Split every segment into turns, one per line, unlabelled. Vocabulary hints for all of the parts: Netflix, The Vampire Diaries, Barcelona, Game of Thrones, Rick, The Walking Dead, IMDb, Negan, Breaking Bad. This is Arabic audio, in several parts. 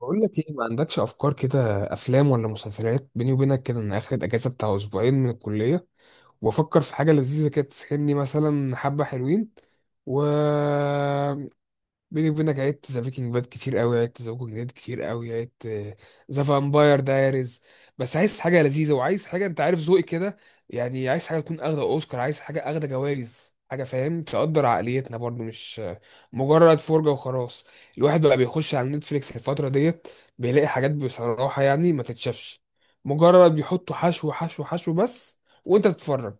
بقول لك ايه؟ ما عندكش افكار كده، افلام ولا مسلسلات؟ بيني وبينك كده انا اخد اجازه بتاع اسبوعين من الكليه وافكر في حاجه لذيذه كده تسحلني، مثلا حبه حلوين. و بيني وبينك عدت ذا بريكنج باد كتير قوي، عدت ذا ووكينج ديد كتير قوي، عدت ذا فامباير دايريز. بس عايز حاجه لذيذه، وعايز حاجه انت عارف ذوقي كده، يعني عايز حاجه تكون اخده اوسكار، عايز حاجه اخده جوائز، حاجه فاهم تقدر عقليتنا برضو، مش مجرد فرجه وخلاص. الواحد بقى بيخش على نتفليكس الفتره ديت بيلاقي حاجات بصراحه يعني ما تتشافش، مجرد بيحطوا حشو حشو حشو بس وانت بتتفرج.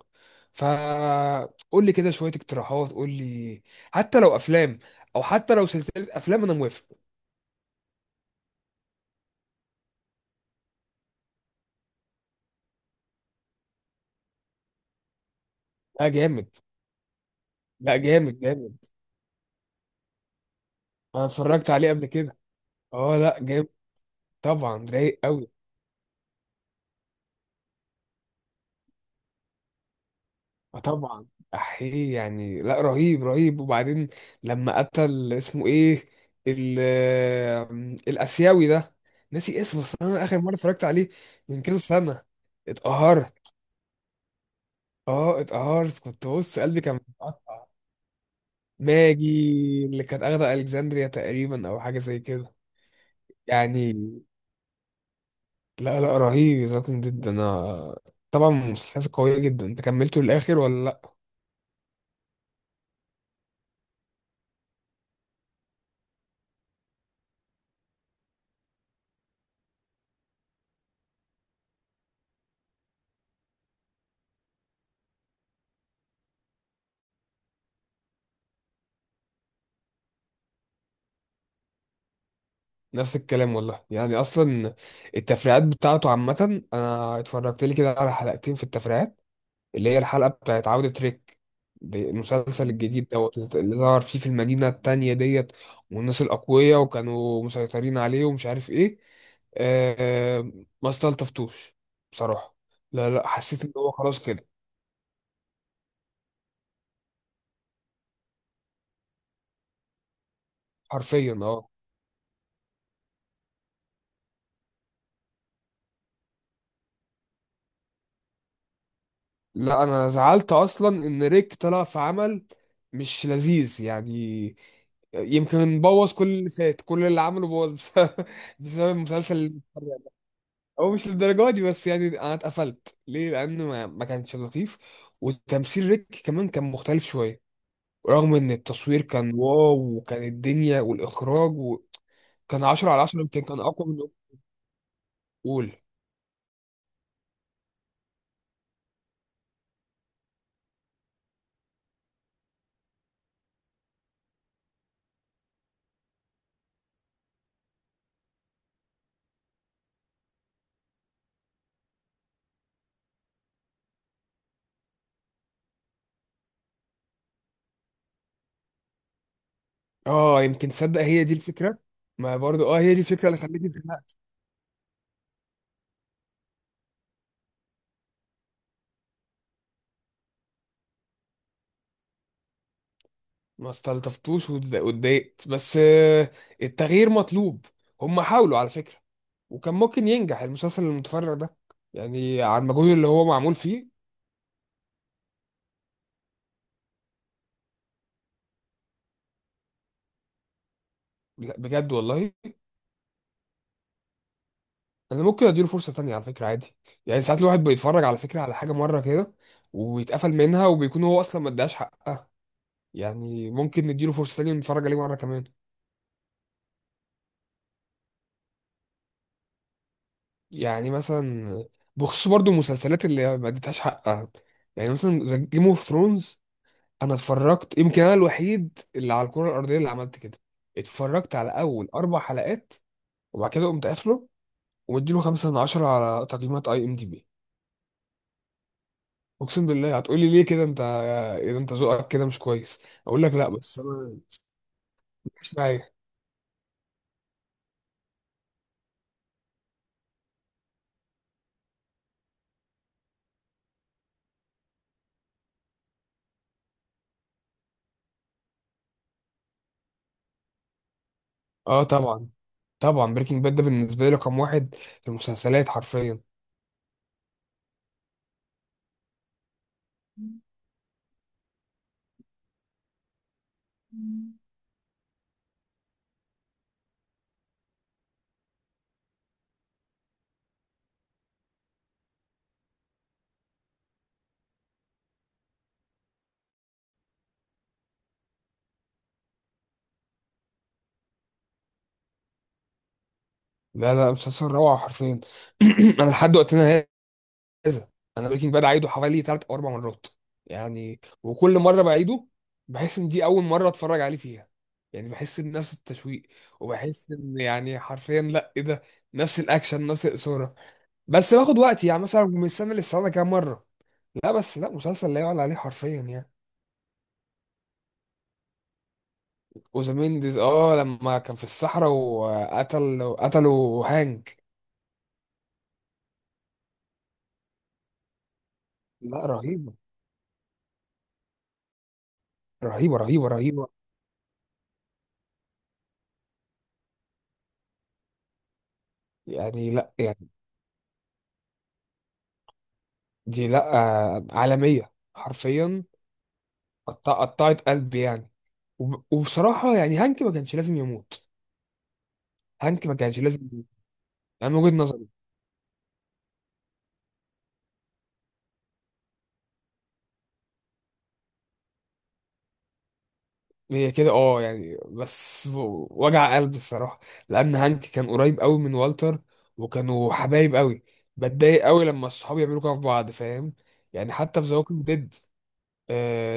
فقول لي كده شويه اقتراحات، قول لي حتى لو افلام، او حتى لو سلسله افلام انا موافق. لا جامد. لا جامد جامد. انا اتفرجت عليه قبل كده. اه لا جامد. طبعا رايق قوي. اه طبعا. احيه يعني، لا رهيب رهيب. وبعدين لما قتل اسمه ايه، ال الاسيوي ده، ناسي اسمه. بس انا اخر مره اتفرجت عليه من كذا سنه. اتقهرت. اه اتقهرت، كنت بص قلبي كان متقطع. ماجي اللي كانت اخده الكسندريا تقريبا او حاجه زي كده. يعني لا لا رهيب، ذكي جدا. انا طبعا مسلسلات قوية جدا. انت كملته للآخر ولا لا؟ نفس الكلام والله، يعني اصلا التفريعات بتاعته عامة انا اتفرجت لي كده على حلقتين في التفريعات، اللي هي الحلقة بتاعت عودة ريك، دي المسلسل الجديد دوت اللي ظهر فيه في المدينة التانية ديت، والناس الأقوياء وكانوا مسيطرين عليه ومش عارف ايه. آه، ما استلطفتوش بصراحة. لا لا، حسيت ان هو خلاص كده. حرفيا لا. انا زعلت اصلا ان ريك طلع في عمل مش لذيذ يعني. يمكن بوظ كل اللي فات، كل اللي عمله بوظ بسبب المسلسل اللي اتفرج. هو مش للدرجه دي، بس يعني انا اتقفلت ليه لان ما كانش لطيف. وتمثيل ريك كمان كان مختلف شويه، رغم ان التصوير كان واو، وكان الدنيا والاخراج، وكان 10 على 10، يمكن كان اقوى من، قول. اه يمكن تصدق، هي دي الفكره. ما برضو اه هي دي الفكره اللي خلتني ما استلطفتوش، واتضايقت. بس التغيير مطلوب. هم حاولوا على فكرة، وكان ممكن ينجح المسلسل المتفرع ده، يعني على المجهود اللي هو معمول فيه. لا بجد والله. انا ممكن اديله فرصة تانية على فكرة، عادي. يعني ساعات الواحد بيتفرج على فكرة على حاجة مرة كده ويتقفل منها، وبيكون هو اصلا ما اداش حق. يعني ممكن نديله فرصة تانية ونتفرج عليه مرة كمان. يعني مثلا بخصوص برضو المسلسلات اللي ما اديتهاش حقها، يعني مثلا جيم اوف ثرونز، انا اتفرجت يمكن انا الوحيد اللي على الكره الارضيه اللي عملت كده. اتفرجت على اول اربع حلقات وبعد كده قمت قافله، ومديله خمسة من عشرة على تقييمات اي ام دي بي. اقسم بالله هتقولي ليه كده انت، اذا انت ذوقك كده مش كويس. اقول لك لا، بس انا مش معايا. اه طبعا، طبعا. بريكنج باد ده بالنسبه لي رقم واحد في المسلسلات حرفيا. لا لا، مسلسل روعه حرفيا. انا لحد وقتنا كذا، انا بريكنج باد عايده حوالي ثلاث او اربع مرات يعني. وكل مره بعيده بحس ان دي اول مره اتفرج عليه فيها، يعني بحس بنفس التشويق. وبحس ان يعني حرفيا لا ايه ده، نفس الاكشن نفس الاثاره. بس باخد وقتي، يعني مثلا من السنه للسنه كام مره. لا بس لا، مسلسل لا يعلى عليه حرفيا يعني. وزمينديز، لما كان في الصحراء وقتل قتلوا هانك. لا رهيبه رهيبه رهيبه رهيبه، يعني لا يعني دي لا عالميه حرفيا. قطعت قلبي يعني. وبصراحة يعني هانك ما كانش لازم يموت. هانك ما كانش لازم يموت يعني. من وجهة نظري هي كده اه يعني، بس وجع قلب الصراحة، لأن هانك كان قريب قوي من والتر، وكانوا حبايب قوي. بتضايق قوي لما الصحاب يعملوا كده في بعض، فاهم؟ يعني حتى في ذا ووكينج ديد،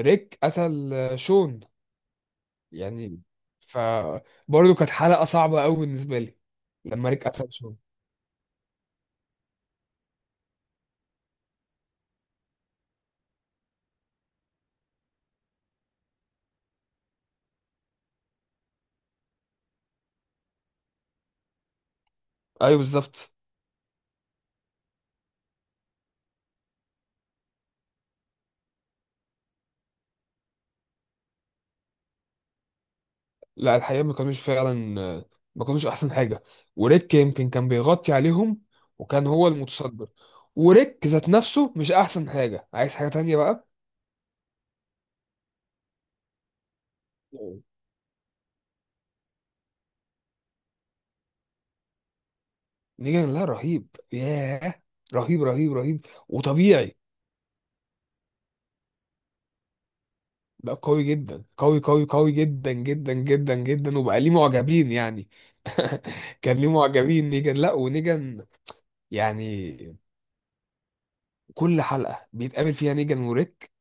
ريك قتل شون، يعني فبرضه كانت حلقة صعبة قوي بالنسبة لي لما ريك قتل شون. ايوه بالظبط. لا الحقيقة ما كانوش فعلا، ما كانوش أحسن حاجة. وريك يمكن كان بيغطي عليهم، وكان هو المتصدر. وريك ذات نفسه مش أحسن حاجة، عايز حاجة تانية بقى. نيجان لا رهيب، ياه، رهيب رهيب رهيب وطبيعي. ده قوي جدا، قوي قوي قوي جدا جدا جدا جدا، وبقى ليه معجبين يعني. كان ليه معجبين نيجان، لا. ونيجان يعني كل حلقة بيتقابل فيها نيجان وريك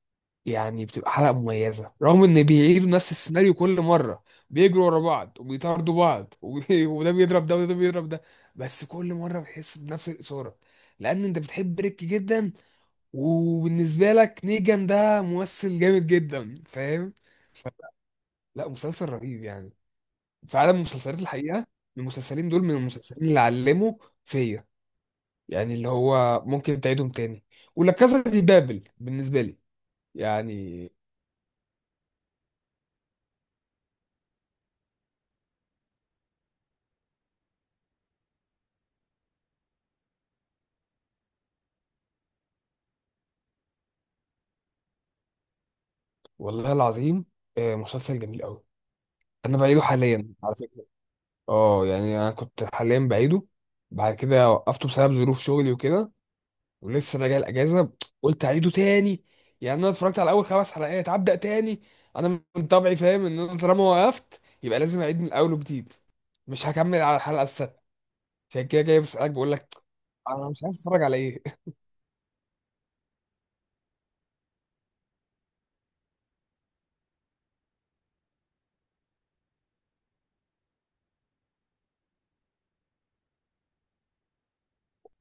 يعني بتبقى حلقة مميزة، رغم ان بيعيدوا نفس السيناريو كل مرة. بيجروا ورا بعض وبيطاردوا بعض، وبي... وده بيضرب ده وده بيضرب ده. بس كل مرة بتحس بنفس الإثارة، لأن أنت بتحب ريك جدا، وبالنسبة لك نيجان ده ممثل جامد جدا، فاهم؟ ف... لا مسلسل رهيب يعني فعلا. مسلسلات الحقيقة، المسلسلين دول من المسلسلين اللي علموا فيا، يعني اللي هو ممكن تعيدهم تاني. ولا كاسا دي بابل بالنسبة لي، يعني والله العظيم، مسلسل جميل قوي. انا بعيده حاليا على فكره. اه يعني انا كنت حاليا بعيده، بعد كده وقفته بسبب ظروف شغلي وكده، ولسه راجع الاجازه، قلت اعيده تاني. يعني انا اتفرجت على اول خمس حلقات، هبدا تاني. انا من طبعي فاهم ان انا طالما وقفت يبقى لازم اعيد من اول وجديد، مش هكمل على الحلقه السادسه. عشان كده جاي بسالك بقول لك انا مش عارف اتفرج على ايه.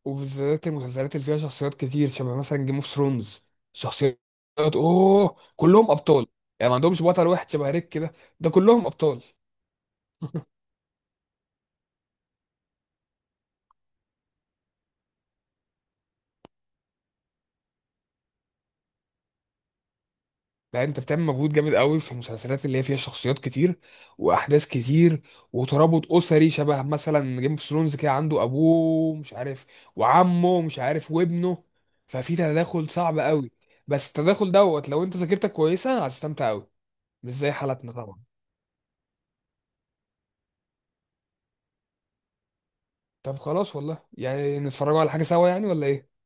وبالذات المسلسلات اللي فيها شخصيات كتير، شبه مثلا جيم اوف ثرونز، شخصيات، اوه كلهم ابطال، يعني ما عندهمش بطل واحد شبه ريك كده، ده كلهم ابطال. لا انت بتعمل مجهود جامد قوي في المسلسلات اللي هي فيها شخصيات كتير، واحداث كتير، وترابط اسري، شبه مثلا جيم اوف ثرونز كده، عنده ابوه مش عارف، وعمه مش عارف، وابنه، ففي تداخل صعب قوي. بس التداخل دوت لو انت ذاكرتك كويسه هتستمتع قوي، مش زي حالتنا طبعا. طب خلاص والله، يعني نتفرجوا على حاجه سوا يعني ولا ايه؟